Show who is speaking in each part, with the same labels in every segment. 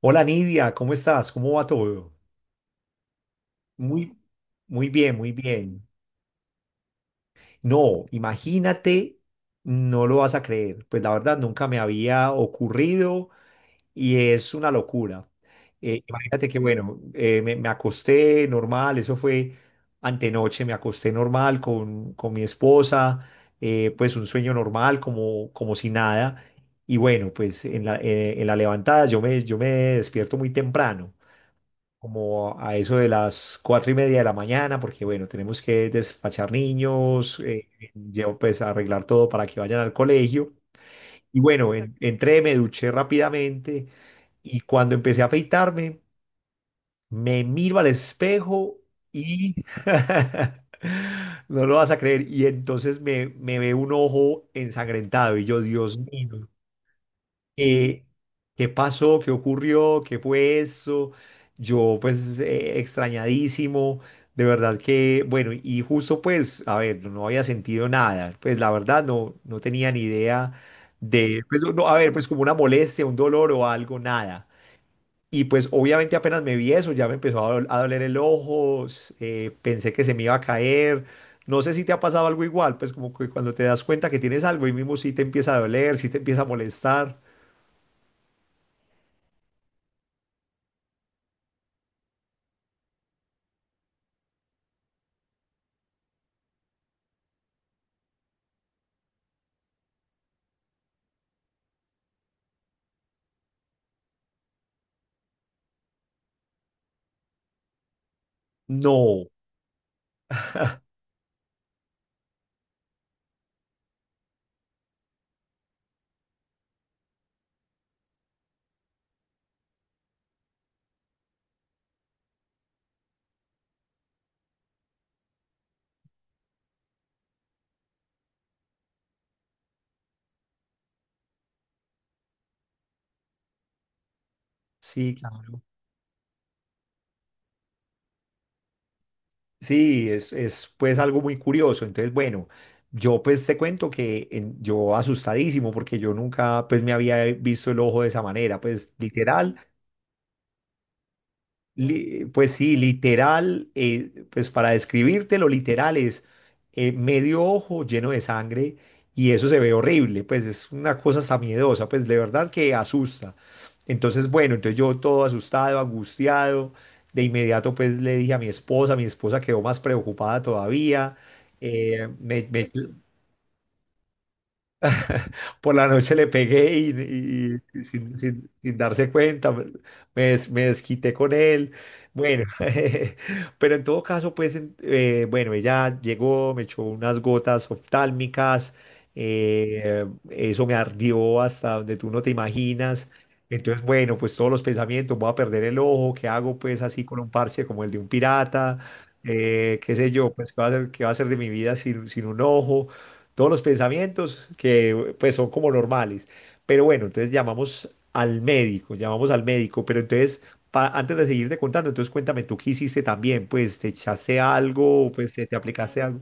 Speaker 1: Hola Nidia, ¿cómo estás? ¿Cómo va todo? Muy, muy bien, muy bien. No, imagínate, no lo vas a creer. Pues la verdad nunca me había ocurrido y es una locura. Imagínate que bueno, me acosté normal, eso fue antenoche, me acosté normal con mi esposa, pues un sueño normal, como si nada. Y bueno, pues en la levantada yo me despierto muy temprano, como a eso de las 4:30 de la mañana, porque bueno, tenemos que despachar niños, llevo pues a arreglar todo para que vayan al colegio. Y bueno, entré, me duché rápidamente y cuando empecé a afeitarme, me miro al espejo y... No lo vas a creer. Y entonces me ve un ojo ensangrentado y yo, Dios mío, eh, ¿qué pasó? ¿Qué ocurrió? ¿Qué fue esto? Yo pues extrañadísimo, de verdad que, bueno, y justo pues, a ver, no había sentido nada, pues la verdad no, no tenía ni idea de, pues no, no, a ver, pues como una molestia, un dolor o algo, nada. Y pues obviamente apenas me vi eso, ya me empezó a doler el ojo, pensé que se me iba a caer. No sé si te ha pasado algo igual, pues como que cuando te das cuenta que tienes algo y mismo sí te empieza a doler, sí te empieza a molestar. No, sí, claro. Sí, es pues algo muy curioso. Entonces, bueno, yo pues te cuento que yo asustadísimo porque yo nunca pues me había visto el ojo de esa manera, pues literal. Pues sí, literal, pues para describirte lo literal es medio ojo lleno de sangre y eso se ve horrible, pues es una cosa hasta miedosa, pues de verdad que asusta. Entonces, bueno, entonces yo todo asustado, angustiado, de inmediato pues le dije a mi esposa quedó más preocupada todavía, eh, me, me- por la noche le pegué y sin darse cuenta, me desquité con él. Bueno, pero en todo caso, pues, bueno, ella llegó, me echó unas gotas oftálmicas, eso me ardió hasta donde tú no te imaginas. Entonces, bueno, pues todos los pensamientos, voy a perder el ojo, ¿qué hago pues así con un parche como el de un pirata? Qué sé yo, pues qué va a ser, qué va a ser de mi vida sin un ojo, todos los pensamientos que pues son como normales. Pero bueno, entonces llamamos al médico, pero entonces antes de seguirte contando, entonces cuéntame tú qué hiciste también, pues te echaste algo, pues te aplicaste algo.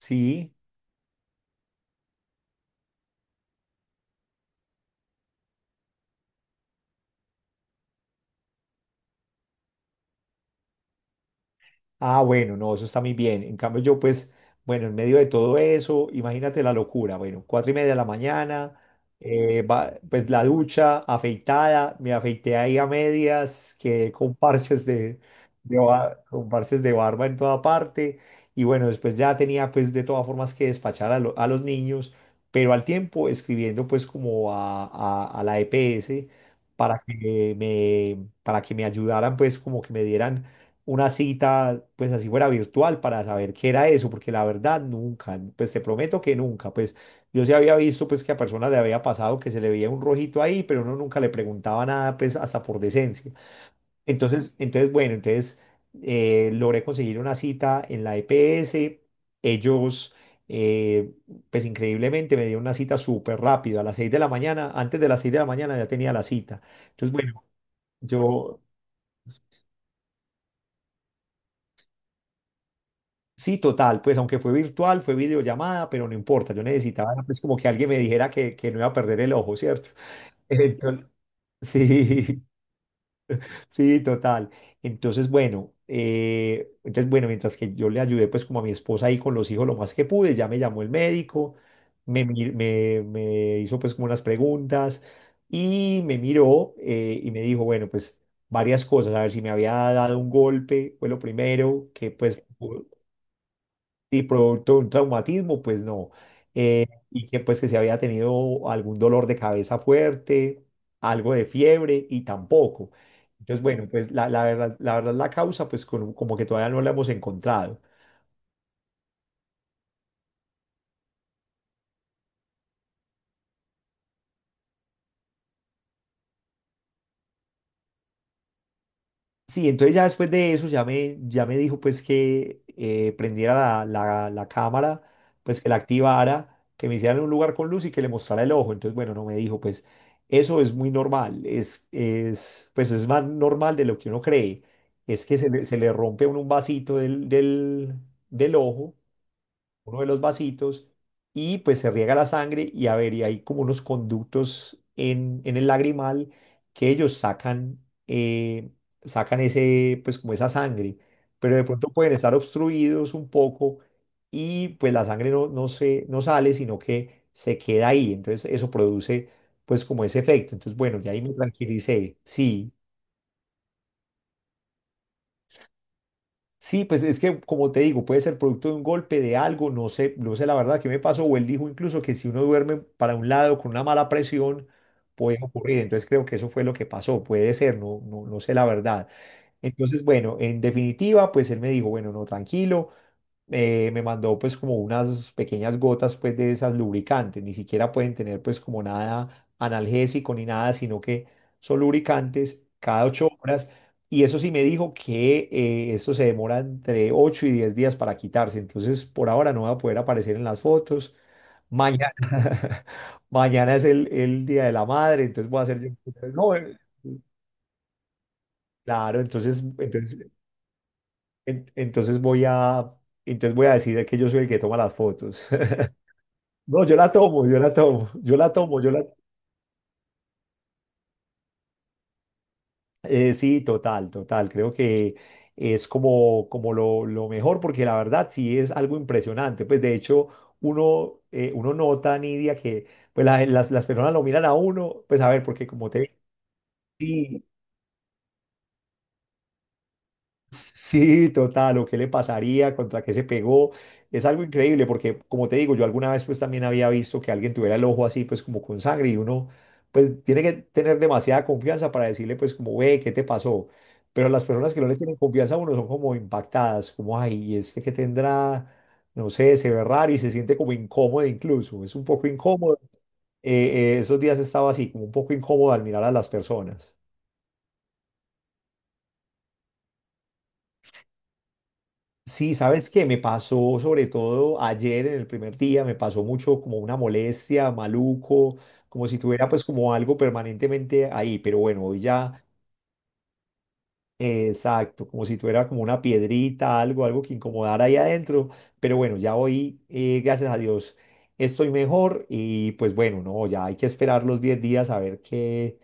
Speaker 1: Sí. Ah, bueno, no, eso está muy bien. En cambio, yo pues, bueno, en medio de todo eso, imagínate la locura. Bueno, 4:30 de la mañana, pues la ducha, afeitada, me afeité ahí a medias, quedé con parches de ba- con parches de barba en toda parte. Y bueno, después ya tenía pues de todas formas que despachar a los niños, pero al tiempo escribiendo pues como a la EPS para que me ayudaran pues como que me dieran una cita, pues así fuera virtual, para saber qué era eso, porque la verdad nunca, pues te prometo que nunca, pues yo sí había visto pues que a personas le había pasado que se le veía un rojito ahí, pero uno nunca le preguntaba nada, pues hasta por decencia. Entonces, entonces bueno, entonces logré conseguir una cita en la EPS, ellos... eh, pues increíblemente me dieron una cita súper rápido, a las 6 de la mañana, antes de las 6 de la mañana ya tenía la cita. Entonces, bueno, yo, sí, total, pues aunque fue virtual, fue videollamada, pero no importa, yo necesitaba pues como que alguien me dijera que no iba a perder el ojo, ¿cierto? Entonces, sí, sí, total. Entonces, bueno, mientras que yo le ayudé pues como a mi esposa ahí con los hijos lo más que pude, ya me llamó el médico, me hizo pues como unas preguntas y me miró y me dijo, bueno, pues varias cosas, a ver si me había dado un golpe, fue lo primero, que pues y producto de un traumatismo, pues no. Y que pues que si había tenido algún dolor de cabeza fuerte, algo de fiebre y tampoco. Entonces, bueno, pues la verdad, la verdad, la causa, pues como que todavía no la hemos encontrado. Sí, entonces ya después de eso ya ya me dijo pues que prendiera la cámara, pues que la activara, que me hiciera en un lugar con luz y que le mostrara el ojo. Entonces, bueno, no me dijo pues eso es muy normal, es, pues es más normal de lo que uno cree. Es que se le rompe a uno un vasito del, del ojo, uno de los vasitos, y pues se riega la sangre y a ver, y hay como unos conductos en el lagrimal que ellos sacan, eh, sacan ese, pues como esa sangre, pero de pronto pueden estar obstruidos un poco y pues la sangre no sale, sino que se queda ahí, entonces eso produce pues como ese efecto, entonces bueno, ya ahí me tranquilicé, sí. Sí, pues es que, como te digo, puede ser producto de un golpe, de algo, no sé, no sé la verdad qué me pasó, o él dijo incluso que si uno duerme para un lado con una mala presión, puede ocurrir, entonces creo que eso fue lo que pasó, puede ser, no, no, no sé la verdad. Entonces, bueno, en definitiva, pues él me dijo, bueno, no, tranquilo, me mandó pues como unas pequeñas gotas pues de esas lubricantes, ni siquiera pueden tener pues como nada analgésico ni nada, sino que son lubricantes cada 8 horas. Y eso sí me dijo que esto se demora entre 8 y 10 días para quitarse, entonces por ahora no va a poder aparecer en las fotos. Mañana, mañana es el Día de la Madre, entonces voy a hacer... No, claro, entonces, entonces en- entonces voy a, entonces voy a decir que yo soy el que toma las fotos. No, yo la tomo, yo la tomo, yo la tomo, yo la... Sí, total, total. Creo que es como, como lo mejor, porque la verdad sí es algo impresionante. Pues de hecho, uno, uno nota, Nidia, que pues, las personas lo miran a uno, pues a ver, porque como te... Sí, sí, total, o qué le pasaría, contra qué se pegó. Es algo increíble porque, como te digo, yo alguna vez pues también había visto que alguien tuviera el ojo así pues como con sangre y uno pues tiene que tener demasiada confianza para decirle pues como, ve, ¿qué te pasó? Pero las personas que no le tienen confianza a uno son como impactadas, como, ay, ¿y este que tendrá, no sé, se ve raro y se siente como incómodo incluso, es un poco incómodo. Esos días estaba así, como un poco incómodo al mirar a las personas. Sí, ¿sabes qué? Me pasó sobre todo ayer en el primer día, me pasó mucho como una molestia, maluco, como si tuviera pues como algo permanentemente ahí, pero bueno, hoy ya, exacto, como si tuviera como una piedrita, algo, algo que incomodara ahí adentro, pero bueno, ya hoy, gracias a Dios, estoy mejor y pues bueno, no, ya hay que esperar los 10 días a ver qué,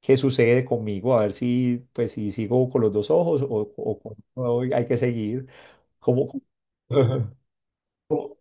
Speaker 1: qué sucede conmigo, a ver si pues si sigo con los dos ojos o hay que seguir. Cómo co-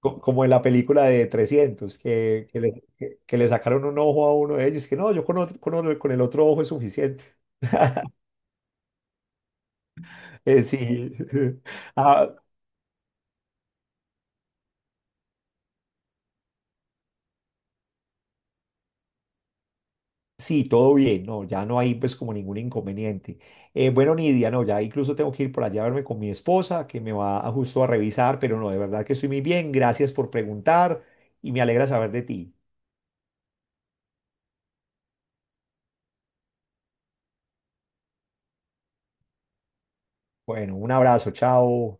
Speaker 1: como en la película de 300 que le sacaron un ojo a uno de ellos, que no, yo con el otro ojo es suficiente. Sí, ah, sí, todo bien, no, ya no hay pues como ningún inconveniente. Bueno, Nidia, no, ya incluso tengo que ir por allá a verme con mi esposa, que me va a, justo a revisar, pero no, de verdad que estoy muy bien, gracias por preguntar y me alegra saber de ti. Bueno, un abrazo, chao.